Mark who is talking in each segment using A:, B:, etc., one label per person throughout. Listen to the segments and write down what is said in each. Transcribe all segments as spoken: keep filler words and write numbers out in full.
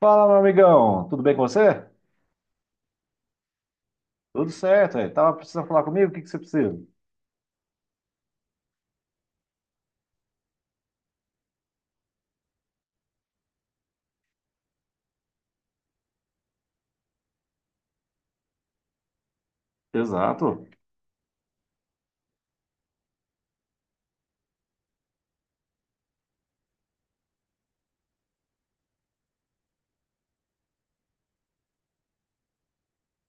A: Fala, meu amigão, tudo bem com você? Tudo certo, aí. Tava precisando falar comigo? O que que você precisa? Exato.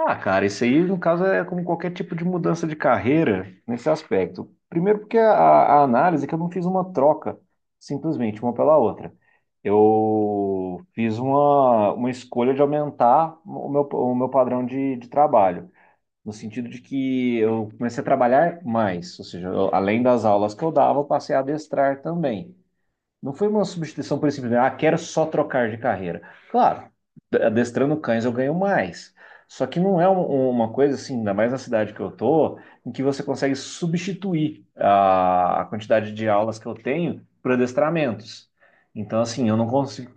A: Ah, cara, isso aí, no caso, é como qualquer tipo de mudança de carreira nesse aspecto. Primeiro, porque a, a análise é que eu não fiz uma troca, simplesmente uma pela outra. Eu fiz uma, uma escolha de aumentar o meu, o meu padrão de, de trabalho, no sentido de que eu comecei a trabalhar mais, ou seja, eu- além das aulas que eu dava, eu passei a adestrar também. Não foi uma substituição por simples, ah, quero só trocar de carreira. Claro, adestrando cães eu ganho mais. Só que não é um- um, uma coisa assim, ainda mais na cidade que eu tô, em que você consegue substituir a, a quantidade de aulas que eu tenho por adestramentos. Então, assim, eu não consigo.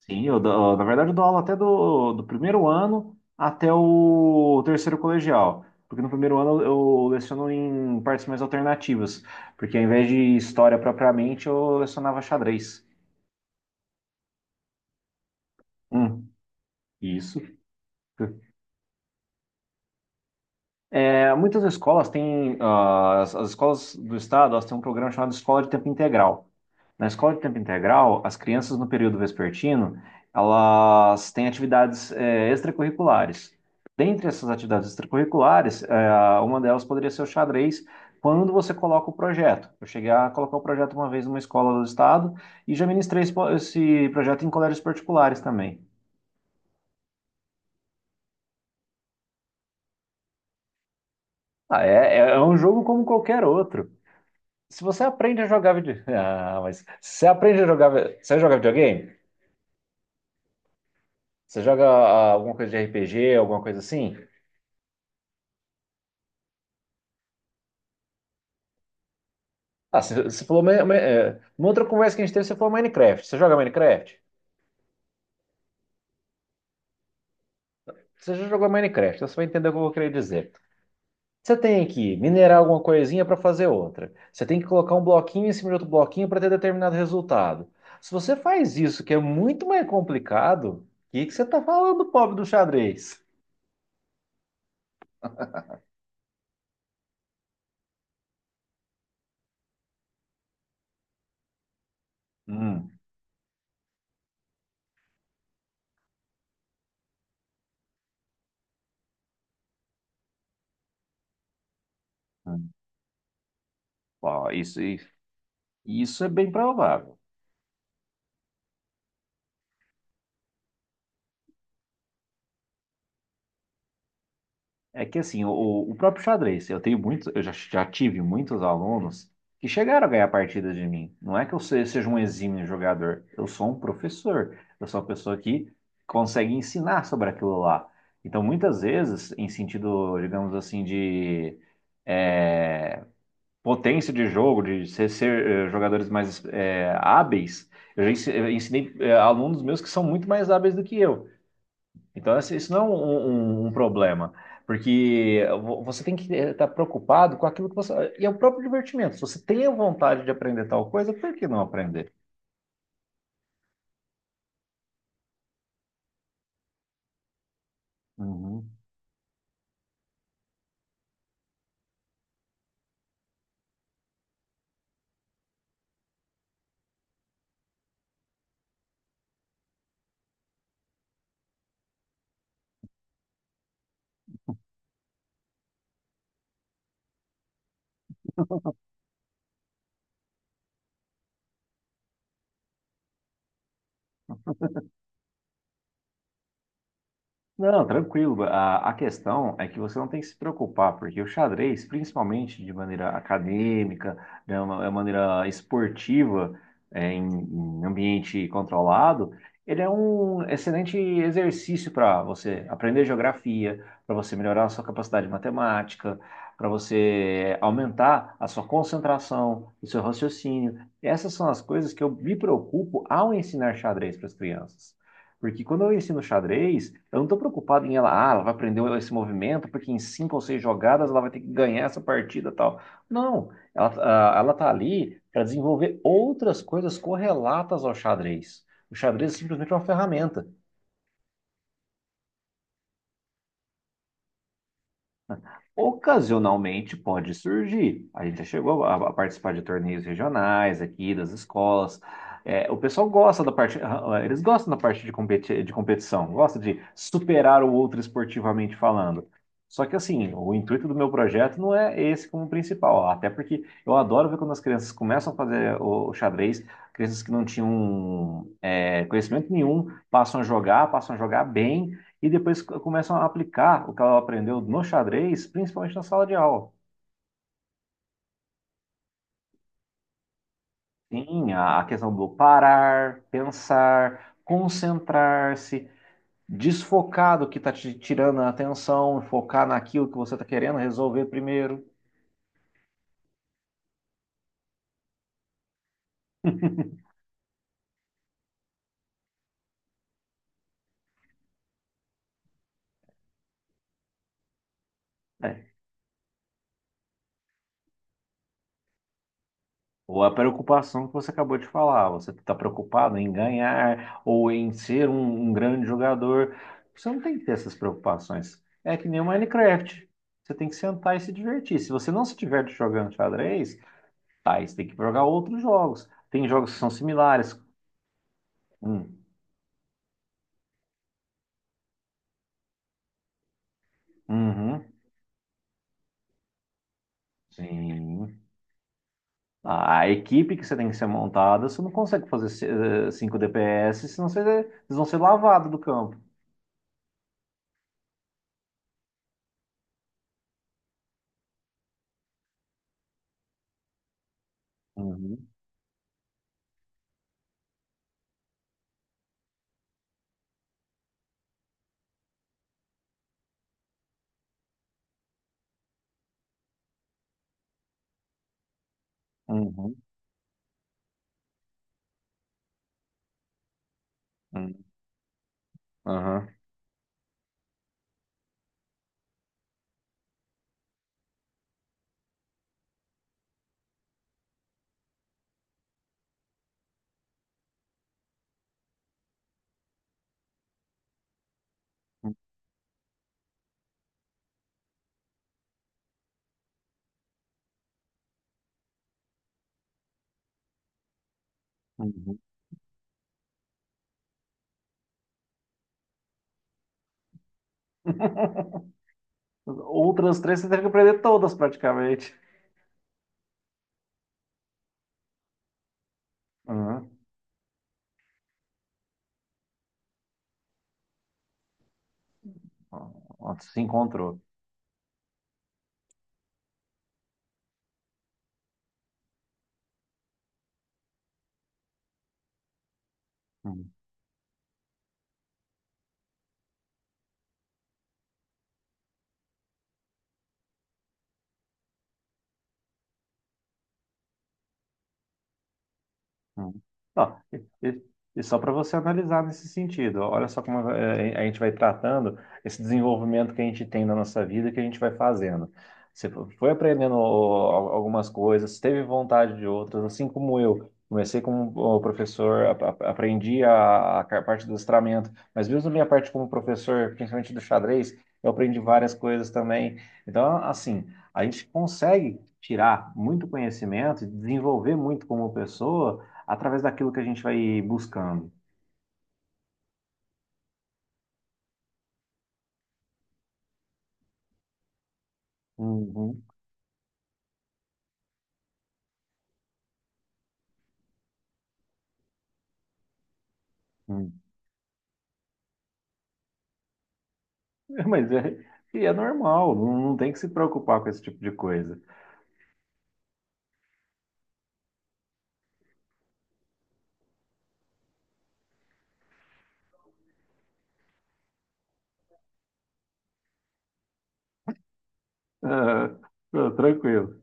A: Sim, eu dou- na verdade eu dou aula até do, do primeiro ano até o terceiro colegial. Porque no primeiro ano eu leciono em partes mais alternativas. Porque ao invés de história propriamente, eu lecionava xadrez. Hum, isso. É, muitas escolas têm, ah, as, as escolas do estado, elas têm um programa chamado Escola de Tempo Integral. Na escola de tempo integral, as crianças no período vespertino, elas têm atividades eh, extracurriculares. Dentre essas atividades extracurriculares, eh, uma delas poderia ser o xadrez, quando você coloca o projeto. Eu cheguei a colocar o projeto uma vez numa escola do estado e já ministrei esse po- esse projeto em colégios particulares também. Ah, é, é é um jogo como qualquer outro. Se você aprende a jogar video... Ah, mas se você aprende a jogar, vi- você joga videogame? Você joga ah, alguma coisa de R P G, alguma coisa assim? Ah, você, você falou, ma- ma- é, numa outra conversa que a gente teve, você falou Minecraft. Você joga Minecraft? Você já jogou Minecraft, então você vai entender o que eu vou querer dizer. Você tem que minerar alguma coisinha para fazer outra. Você tem que colocar um bloquinho em cima de outro bloquinho para ter determinado resultado. Se você faz isso, que é muito mais complicado, o que que você está falando, pobre do xadrez? Hum, hum. Ó, isso. Isso é bem provável. É que assim, o, o próprio xadrez, eu tenho muitos, eu já, já tive muitos alunos que chegaram a ganhar partidas de mim. Não é que eu se- seja um exímio jogador, eu sou um professor, eu sou uma pessoa que consegue ensinar sobre aquilo lá. Então, muitas vezes, em sentido, digamos assim, de é, potência de jogo, de ser, ser, eh, jogadores mais é, hábeis, eu já ensi- eu ensinei eh, alunos meus que são muito mais hábeis do que eu. Então, assim, isso não é um, um- um um problema, porque vo- você tem que estar preocupado com aquilo que você. E é o próprio divertimento. Se você tem a vontade de aprender tal coisa, por que não aprender? Uhum. Não, tranquilo. A, a questão é que você não tem que se preocupar, porque o xadrez, principalmente de maneira acadêmica, de uma, de maneira esportiva, é, em, em ambiente controlado, ele é um excelente exercício para você aprender geografia, para você melhorar a sua capacidade matemática, para você aumentar a sua concentração, o seu raciocínio. Essas são as coisas que eu me preocupo ao ensinar xadrez para as crianças. Porque quando eu ensino xadrez, eu não estou preocupado em ela, ah, ela vai aprender esse movimento, porque em cinco ou seis jogadas ela vai ter que ganhar essa partida e tal. Não, ela, ah, ela tá ali para desenvolver outras coisas correlatas ao xadrez. O xadrez é simplesmente uma ferramenta. Ocasionalmente pode surgir. A gente já chegou a, a participar de torneios regionais aqui, das escolas. É, o pessoal gosta da parte, ah, ah, eles gostam da parte de, competi de competição, gosta de superar o outro esportivamente falando. Só que assim, o intuito do meu projeto não é esse como principal, até porque eu adoro ver quando as crianças começam a fazer o xadrez, crianças que não tinham é, conhecimento nenhum, passam a jogar, passam a jogar bem e depois c- começam a aplicar o que ela aprendeu no xadrez, principalmente na sala de aula. Sim, a a questão do parar, pensar, concentrar-se, desfocar do que está te tirando a atenção, focar naquilo que você está querendo resolver primeiro. Ou a preocupação que você acabou de falar, você está preocupado em ganhar ou em ser um, um grande jogador. Você não tem que ter essas preocupações. É que nem o Minecraft. Você tem que sentar e se divertir. Se você não se diverte jogando xadrez, tá, aí você tem que jogar outros jogos. Tem jogos que são similares. Hum, uhum, sim. A equipe que você tem que ser montada, você não consegue fazer cinco D P S, senão você, vocês vão ser lavados do campo. Uhum, uhum, uhum, aham. Uhum, uhum. Outras três você teve que aprender todas praticamente. Uhum. Ó, ó, se encontrou. Hum. Ó, e, e- e só para você analisar nesse sentido, olha só como eh, a gente vai tratando esse desenvolvimento que a gente tem na nossa vida, que a gente vai fazendo. Você fo- foi aprendendo ó, algumas coisas, teve vontade de outras, assim como eu. Comecei como ó, professor, ap- ap- aprendi a, a parte do listramento, mas mesmo minha parte como professor, principalmente do xadrez, eu aprendi várias coisas também. Então, assim, a gente consegue tirar muito conhecimento, desenvolver muito como pessoa através daquilo que a gente vai buscando. Uhum, uhum. Mas é, e é normal, não, não tem que se preocupar com esse tipo de coisa. Ah, ah, tranquilo.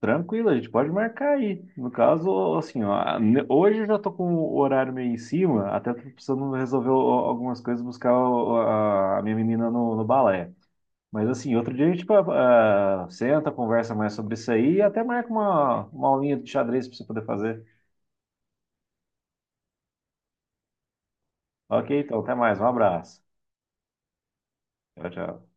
A: Tranquilo, a gente pode marcar aí. No caso, assim, ó, ne- hoje eu já tô com o horário meio em cima, até tô precisando resolver o- algumas coisas, buscar o- a, a minha menina no, no balé. Mas assim, outro dia a gente ah, senta, conversa mais sobre isso aí e até marca uma, uma aulinha de xadrez para você poder fazer. Ok, então, até mais, um abraço. Tchau, tchau.